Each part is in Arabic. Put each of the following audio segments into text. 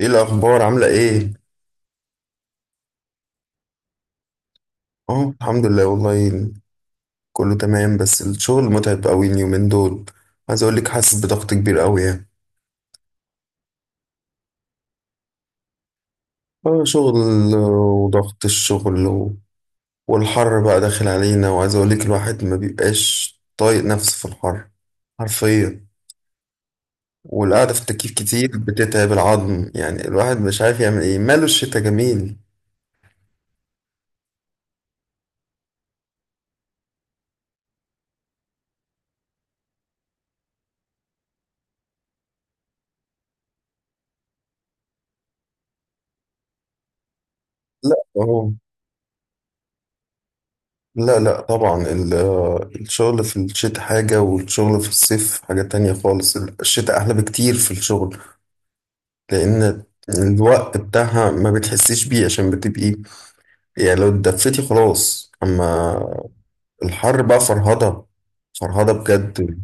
ايه الاخبار عامله ايه اه الحمد لله والله. كله تمام، بس الشغل متعب قوي اليومين دول. عايز اقول لك، حاسس بضغط كبير قوي يعني. اه، شغل. وضغط الشغل والحر بقى داخل علينا، وعايز اقول لك الواحد ما بيبقاش طايق نفسه في الحر. حرفيا. والقعده في التكييف كتير بتتعب العظم، يعني الواحد مش عارف يعمل ايه، ماله الشتا جميل. لا. اهو. لا لا طبعا الشغل في الشتاء حاجة والشغل في الصيف حاجة تانية خالص. الشتاء أحلى بكتير في الشغل، لأن الوقت بتاعها ما بتحسيش بيه، عشان بتبقي يعني لو اتدفيتي خلاص. أما الحر بقى فرهضة، فرهضة بجد.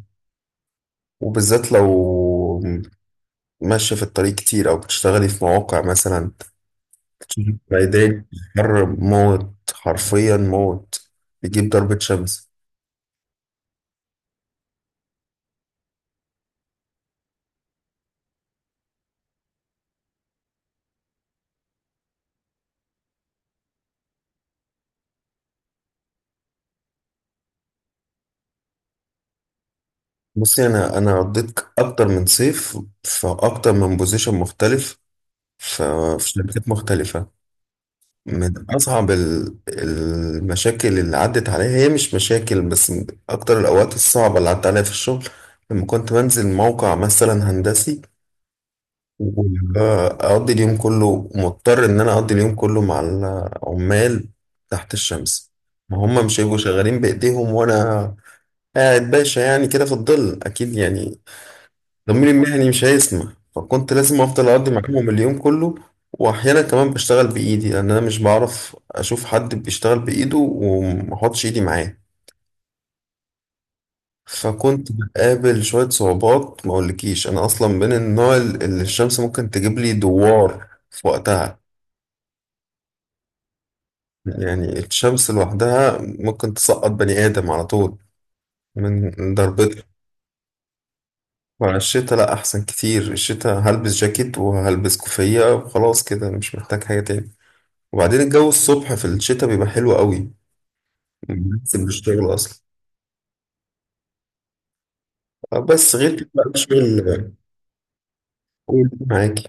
وبالذات لو ماشية في الطريق كتير أو بتشتغلي في مواقع مثلا. ميدان، حر موت، حرفيا موت، بيجيب ضربة شمس. بصي، انا قضيت اكتر من صيف في اكتر من بوزيشن مختلف، ف- في شركات مختلفه. من اصعب المشاكل اللي عدت عليا، هي مش مشاكل بس من اكتر الاوقات الصعبه اللي عدت عليا في الشغل، لما كنت بنزل موقع مثلا هندسي، واقضي اليوم كله، مضطر ان انا اقضي اليوم كله مع العمال تحت الشمس. ما هم مش هيبقوا شغالين بايديهم وانا قاعد باشا يعني كده في الظل، اكيد يعني ضميري المهني مش هيسمح، فكنت لازم افضل اقضي معاهم اليوم كله. واحيانا كمان بشتغل بايدي، لان انا مش بعرف اشوف حد بيشتغل بايده وما احطش ايدي معاه. فكنت بقابل شوية صعوبات، ما اقولكيش انا اصلا من النوع اللي الشمس ممكن تجيب لي دوار في وقتها. يعني الشمس لوحدها ممكن تسقط بني ادم على طول من ضربتها. فالشتا لا، احسن كتير. الشتا هلبس جاكيت وهلبس كوفية وخلاص كده، مش محتاج حاجة تاني. وبعدين الجو الصبح في الشتاء بيبقى حلو قوي، بنسيب الشغل اصلا. بس غير كده بقى الشغل. قول معاكي.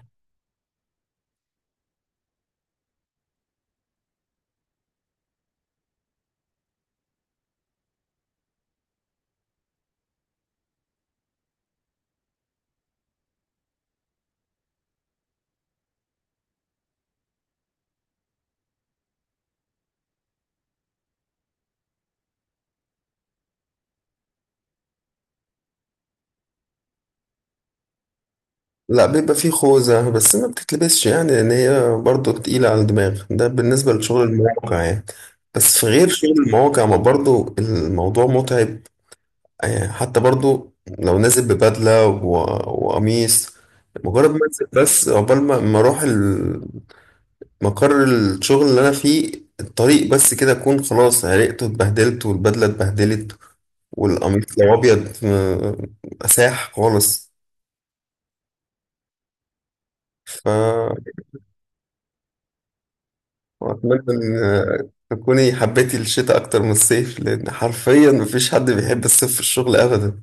لا، بيبقى فيه خوذة بس ما بتتلبسش، يعني لأن هي برضه تقيلة على الدماغ، ده بالنسبة لشغل المواقع يعني. بس في غير شغل المواقع، ما برضه الموضوع متعب. حتى برضه لو نازل ببدلة وقميص، مجرد ما انزل بس، عقبال ما اروح مقر الشغل اللي انا فيه، الطريق بس كده اكون خلاص عرقت واتبهدلت والبدله اتبهدلت والقميص لو ابيض اساح خالص. ف واتمنى ان تكوني حبيتي الشتاء اكتر من الصيف، لان حرفيا مفيش حد بيحب الصيف في الشغل ابدا.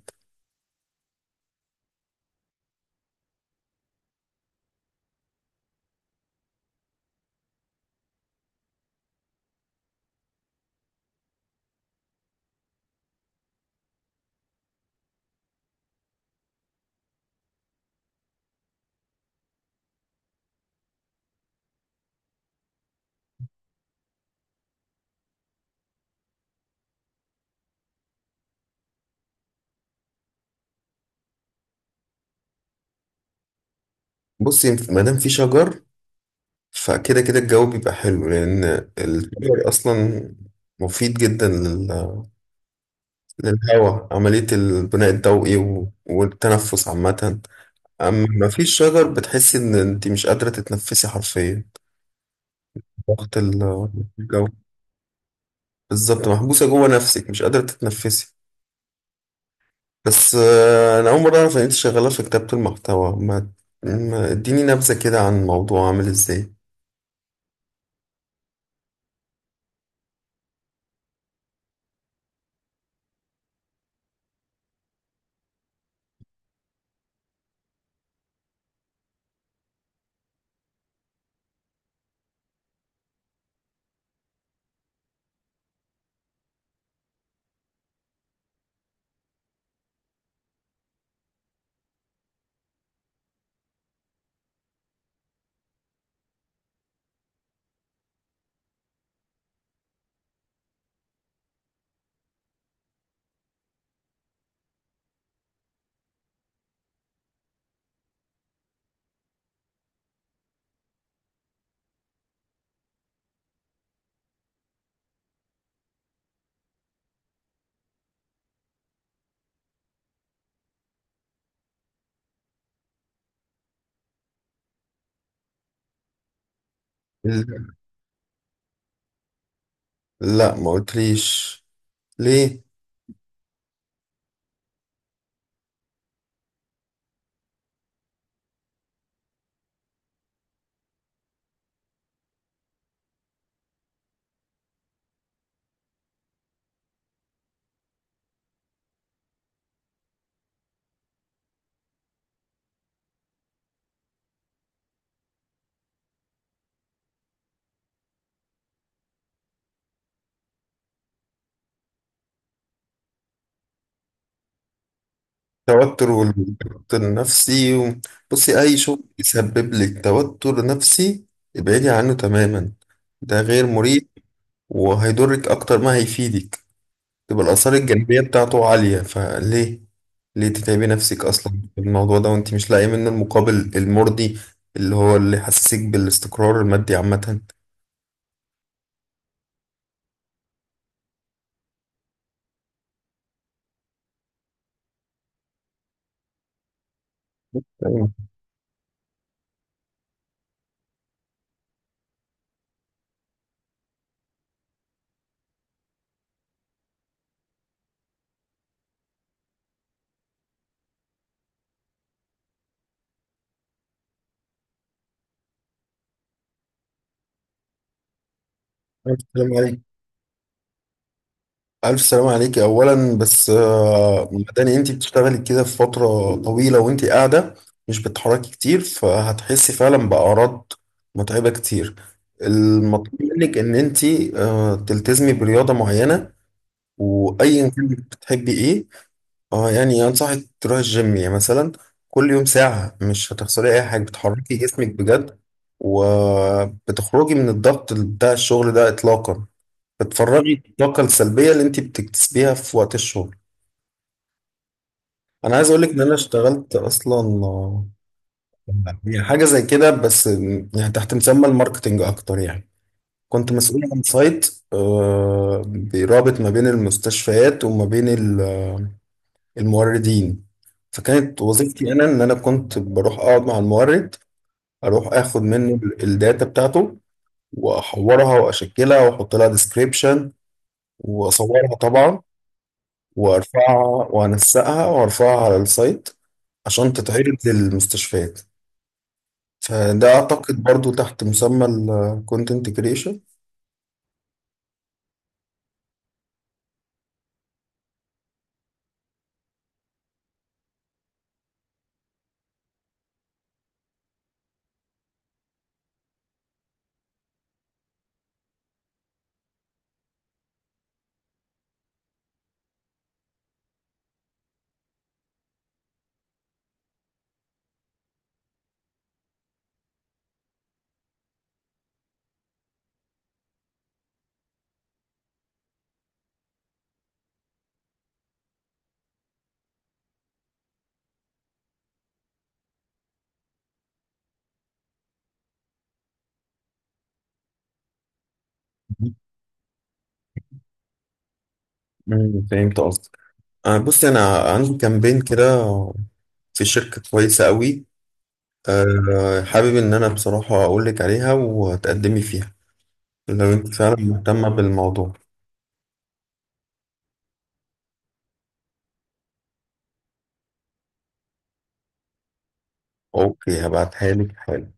بصي، ما دام في شجر فكده كده الجو بيبقى حلو، لان الشجر اصلا مفيد جدا للهواء. عملية البناء الضوئي والتنفس عامة. اما ما فيش شجر بتحسي ان انت مش قادرة تتنفسي حرفيا. ضغط الجو. بالظبط، محبوسة جوه نفسك، مش قادرة تتنفسي. بس انا اول مرة اعرف ان انت شغالة في كتابة المحتوى. اديني نبذة كده عن الموضوع عامل ازاي. ال- لا، ما قلتليش ليه؟ توتر والضغط النفسي. بصي، اي شغل يسبب لك توتر نفسي ابعدي عنه تماما، ده غير مريح وهيضرك اكتر ما هيفيدك. تبقى الآثار الجانبية بتاعته عالية، فليه؟ ليه تتعبي نفسك أصلا في الموضوع ده وأنت مش لاقية منه المقابل المرضي اللي هو اللي يحسسك بالاستقرار المادي عامة؟ تمام. ألف سلام عليك، ألف سلام عليك أولا. بس مداني أنت بتشتغلي كده في فترة طويلة وأنت قاعدة، مش بتتحركي كتير، فهتحسي فعلا بأعراض متعبة كتير. المطلوب منك إن أنت تلتزمي برياضة معينة، وأيا كان بتحبي إيه. اه يعني انصحك تروح الجيم يعني مثلا، كل يوم ساعة مش هتخسري اي حاجة، بتحركي جسمك بجد وبتخرجي من الضغط بتاع الشغل ده اطلاقا، بتفرغي الطاقة السلبية اللي انت بتكتسبيها في وقت الشغل. انا عايز اقولك ان انا اشتغلت اصلا، يعني حاجة زي كده، بس يعني تحت مسمى الماركتينج اكتر يعني. كنت مسؤول عن سايت بيرابط ما بين المستشفيات وما بين الموردين، فكانت وظيفتي انا ان انا كنت بروح اقعد مع المورد، اروح اخد منه الداتا بتاعته واحورها واشكلها واحط لها ديسكريبشن، واصورها طبعا، وارفعها وانسقها وارفعها على السايت، عشان تتعرض للمستشفيات. فده اعتقد برضو تحت مسمى الكونتنت كريشن. فهمت قصدك. بصي، انا عندي كامبين كده في شركة كويسة قوي، حابب إن أنا بصراحة أقولك عليها وتقدمي فيها لو أنت فعلا مهتمة بالموضوع. أوكي، هبعتها لك حالا.